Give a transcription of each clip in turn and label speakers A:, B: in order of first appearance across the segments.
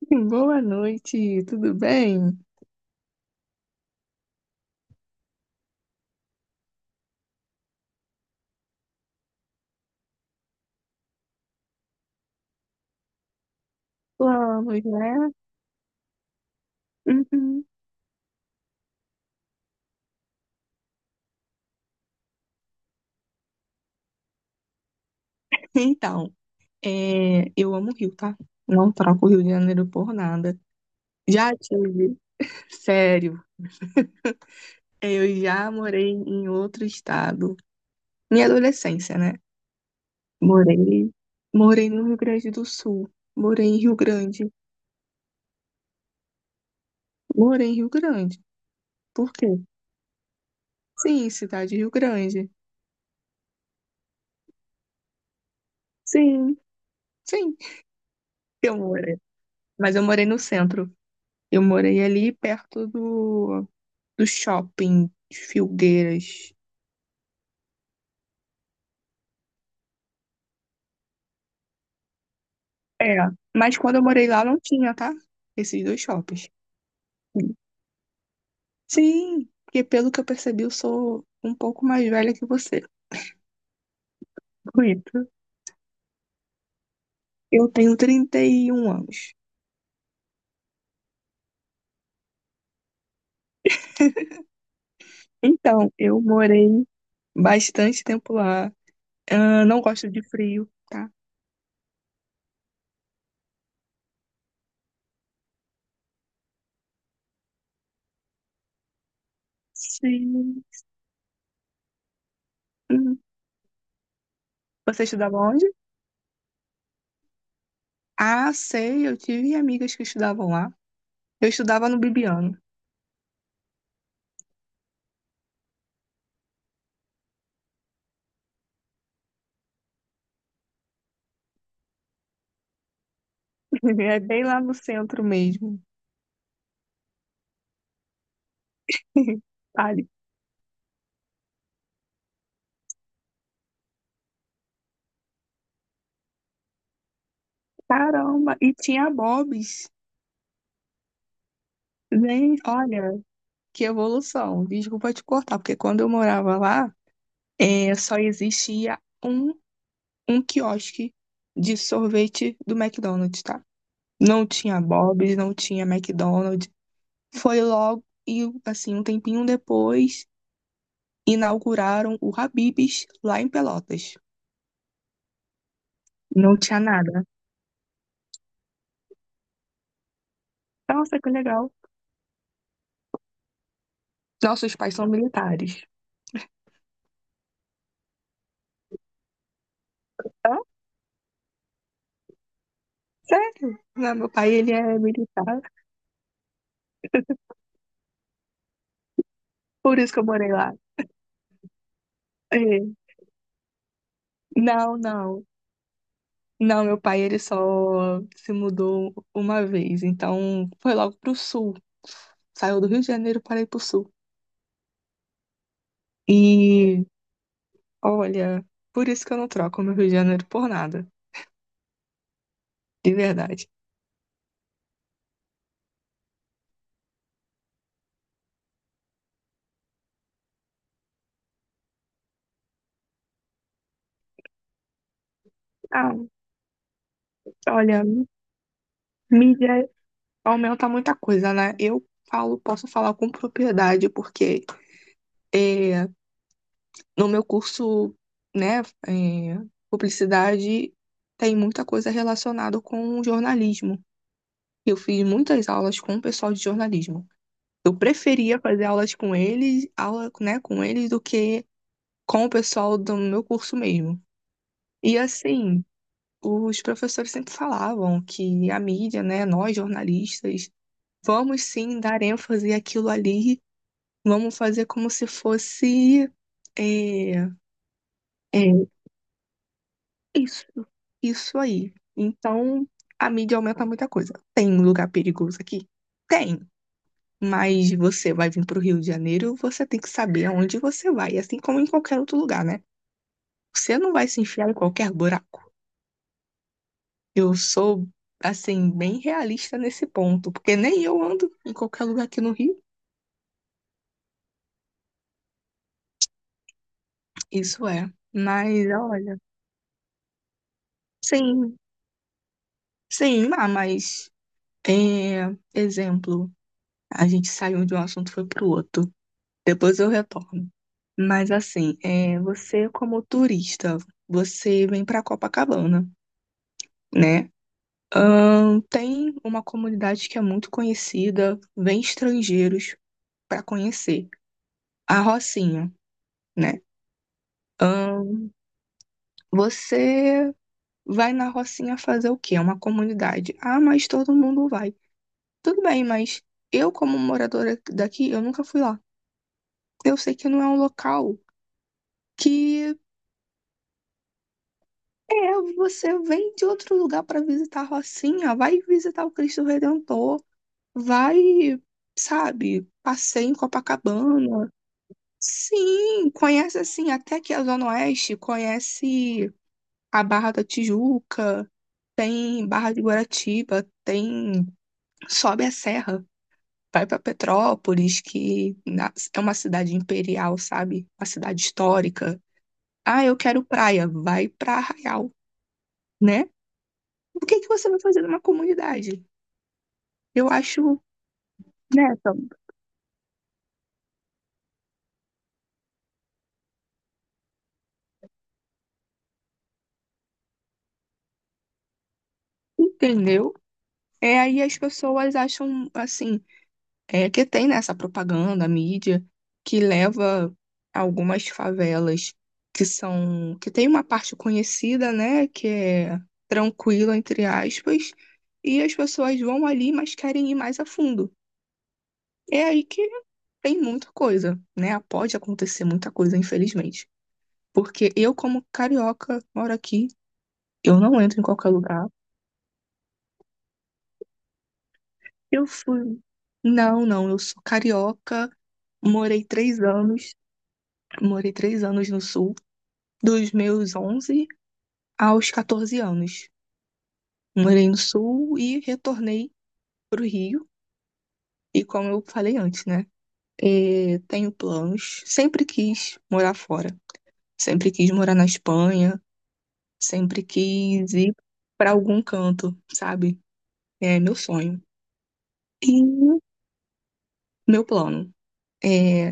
A: Boa noite, tudo bem? Vamos, né? Uhum. Então, eu amo o Rio, tá? Não troco o Rio de Janeiro por nada. Já tive, sério, eu já morei em outro estado. Minha adolescência, né? Morei, morei no Rio Grande do Sul, morei em Rio Grande, morei em Rio Grande. Por quê? Sim, cidade de Rio Grande. Sim, sim, eu morei. Mas eu morei no centro. Eu morei ali perto do shopping de Filgueiras. É, mas quando eu morei lá não tinha, tá? Esses dois shoppings. Sim, porque pelo que eu percebi, eu sou um pouco mais velha que você. Bonito. Eu tenho 31 anos. Então, eu morei bastante tempo lá. Ah, não gosto de frio, tá? Sim. Uhum. Você estudava onde? Ah, sei, eu tive amigas que estudavam lá. Eu estudava no Bibiano. É bem lá no centro mesmo. Tá. Caramba, e tinha Bob's. Gente, olha, que evolução. Desculpa te cortar, porque quando eu morava lá, só existia um, um quiosque de sorvete do McDonald's, tá? Não tinha Bob's, não tinha McDonald's. Foi logo, e assim, um tempinho depois, inauguraram o Habib's lá em Pelotas. Não tinha nada. Nossa, que legal. Nossos pais são militares. Hã? Sério? Não, meu pai, ele é militar, por isso que eu morei lá. É. Não, não. Não, meu pai, ele só se mudou uma vez. Então, foi logo pro sul. Saiu do Rio de Janeiro para ir pro sul. E, olha, por isso que eu não troco meu Rio de Janeiro por nada. De verdade. Ah, olha, mídia aumenta muita coisa, né? Eu falo, posso falar com propriedade, porque é, no meu curso, né, é, publicidade tem muita coisa relacionada com jornalismo. Eu fiz muitas aulas com o pessoal de jornalismo. Eu preferia fazer aulas com eles, aula, né, com eles do que com o pessoal do meu curso mesmo. E assim, os professores sempre falavam que a mídia, né, nós jornalistas, vamos sim dar ênfase àquilo ali, vamos fazer como se fosse é, é, isso, isso aí. Então, a mídia aumenta muita coisa. Tem lugar perigoso aqui? Tem. Mas você vai vir para o Rio de Janeiro, você tem que saber aonde você vai, assim como em qualquer outro lugar, né? Você não vai se enfiar em qualquer buraco. Eu sou, assim, bem realista nesse ponto, porque nem eu ando em qualquer lugar aqui no Rio. Isso é. Mas, olha, sim, sim, ah, mas, exemplo, a gente saiu de um assunto e foi para o outro. Depois eu retorno. Mas, assim, você como turista, você vem para Copacabana, né? Tem uma comunidade que é muito conhecida, vem estrangeiros para conhecer, a Rocinha, né? Ahn, você vai na Rocinha fazer o quê? É uma comunidade. Ah, mas todo mundo vai. Tudo bem, mas eu, como moradora daqui, eu nunca fui lá. Eu sei que não é um local que, você vem de outro lugar para visitar a Rocinha, vai visitar o Cristo Redentor, vai, sabe, passeia em Copacabana. Sim, conhece assim, até aqui a Zona Oeste, conhece a Barra da Tijuca, tem Barra de Guaratiba, tem sobe a serra, vai para Petrópolis, é uma cidade imperial, sabe? Uma cidade histórica. Ah, eu quero praia, vai para Arraial, né? O que que você vai fazer numa comunidade? Eu acho, né, então, entendeu? É aí as pessoas acham assim, é que tem nessa propaganda, a mídia, que leva algumas favelas que são, que tem uma parte conhecida, né, que é tranquila, entre aspas, e as pessoas vão ali, mas querem ir mais a fundo. É aí que tem muita coisa, né? Pode acontecer muita coisa, infelizmente. Porque eu, como carioca, moro aqui, eu não entro em qualquer lugar. Eu fui. Não, não, eu sou carioca, morei três anos, morei três anos no sul. Dos meus 11 aos 14 anos. Morei no Sul e retornei para o Rio. E como eu falei antes, né? E tenho planos. Sempre quis morar fora. Sempre quis morar na Espanha. Sempre quis ir para algum canto, sabe? É meu sonho. E meu plano. É,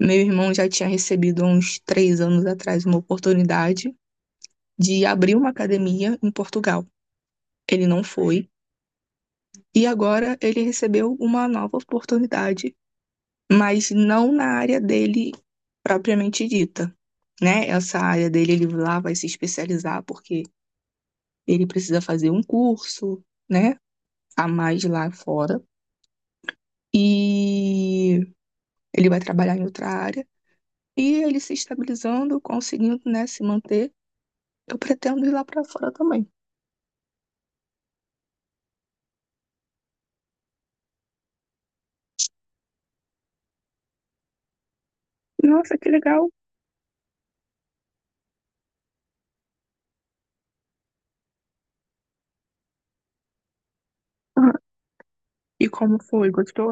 A: meu irmão já tinha recebido há uns três anos atrás uma oportunidade de abrir uma academia em Portugal. Ele não foi. E agora ele recebeu uma nova oportunidade, mas não na área dele propriamente dita, né? Essa área dele, ele lá vai se especializar porque ele precisa fazer um curso, né? A mais lá fora. E ele vai trabalhar em outra área. E ele se estabilizando, conseguindo, né, se manter. Eu pretendo ir lá pra fora também. Nossa, que legal. Uhum. E como foi? Gostou?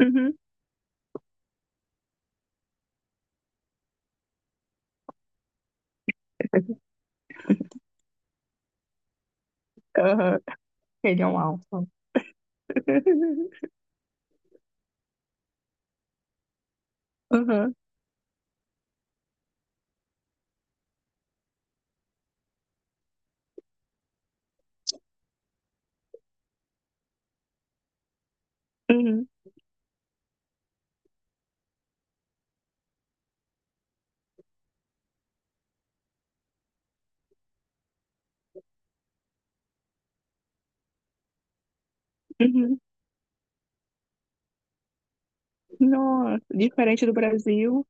A: Uhum. Aham. Ele é um alfa. Aham. Uhum. Uhum. Nossa, diferente do Brasil.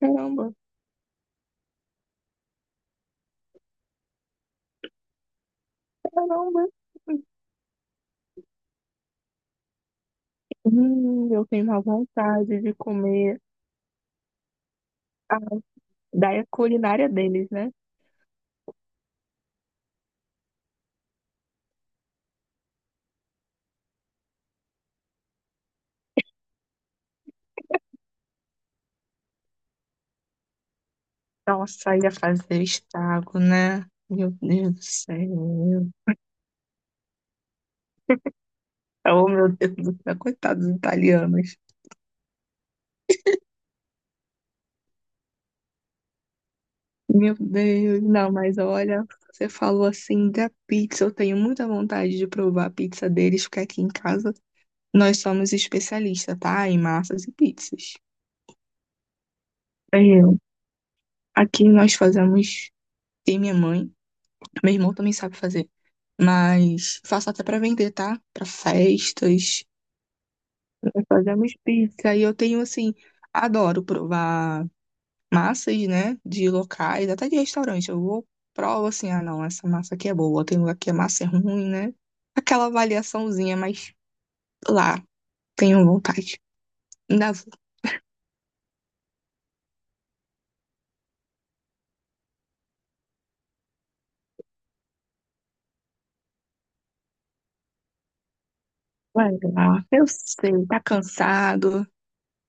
A: Caramba, caramba. Eu tenho uma vontade de comer a daia culinária deles, né? Nossa, ia fazer estrago, né? Meu Deus do céu. Oh, meu Deus do céu, coitados dos italianos. Meu Deus, não, mas olha, você falou assim da pizza. Eu tenho muita vontade de provar a pizza deles, porque aqui em casa nós somos especialistas, tá? Em massas e pizzas. É, aqui nós fazemos e minha mãe. Meu irmão também sabe fazer. Mas faço até pra vender, tá? Pra festas. Nós fazemos pizza. E eu tenho, assim, adoro provar massas, né? De locais, até de restaurante. Eu vou, provo assim, ah, não, essa massa aqui é boa. Tem lugar que a massa é ruim, né? Aquela avaliaçãozinha, mas lá, tenho vontade. Ainda vou. Vai lá. Eu sei, tá cansado.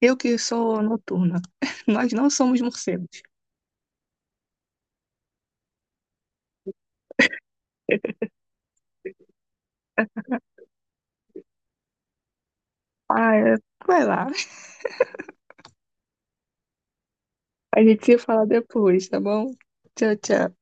A: Eu que sou noturna. Nós não somos morcegos. Ah, é, vai lá. A gente se fala depois, tá bom? Tchau, tchau.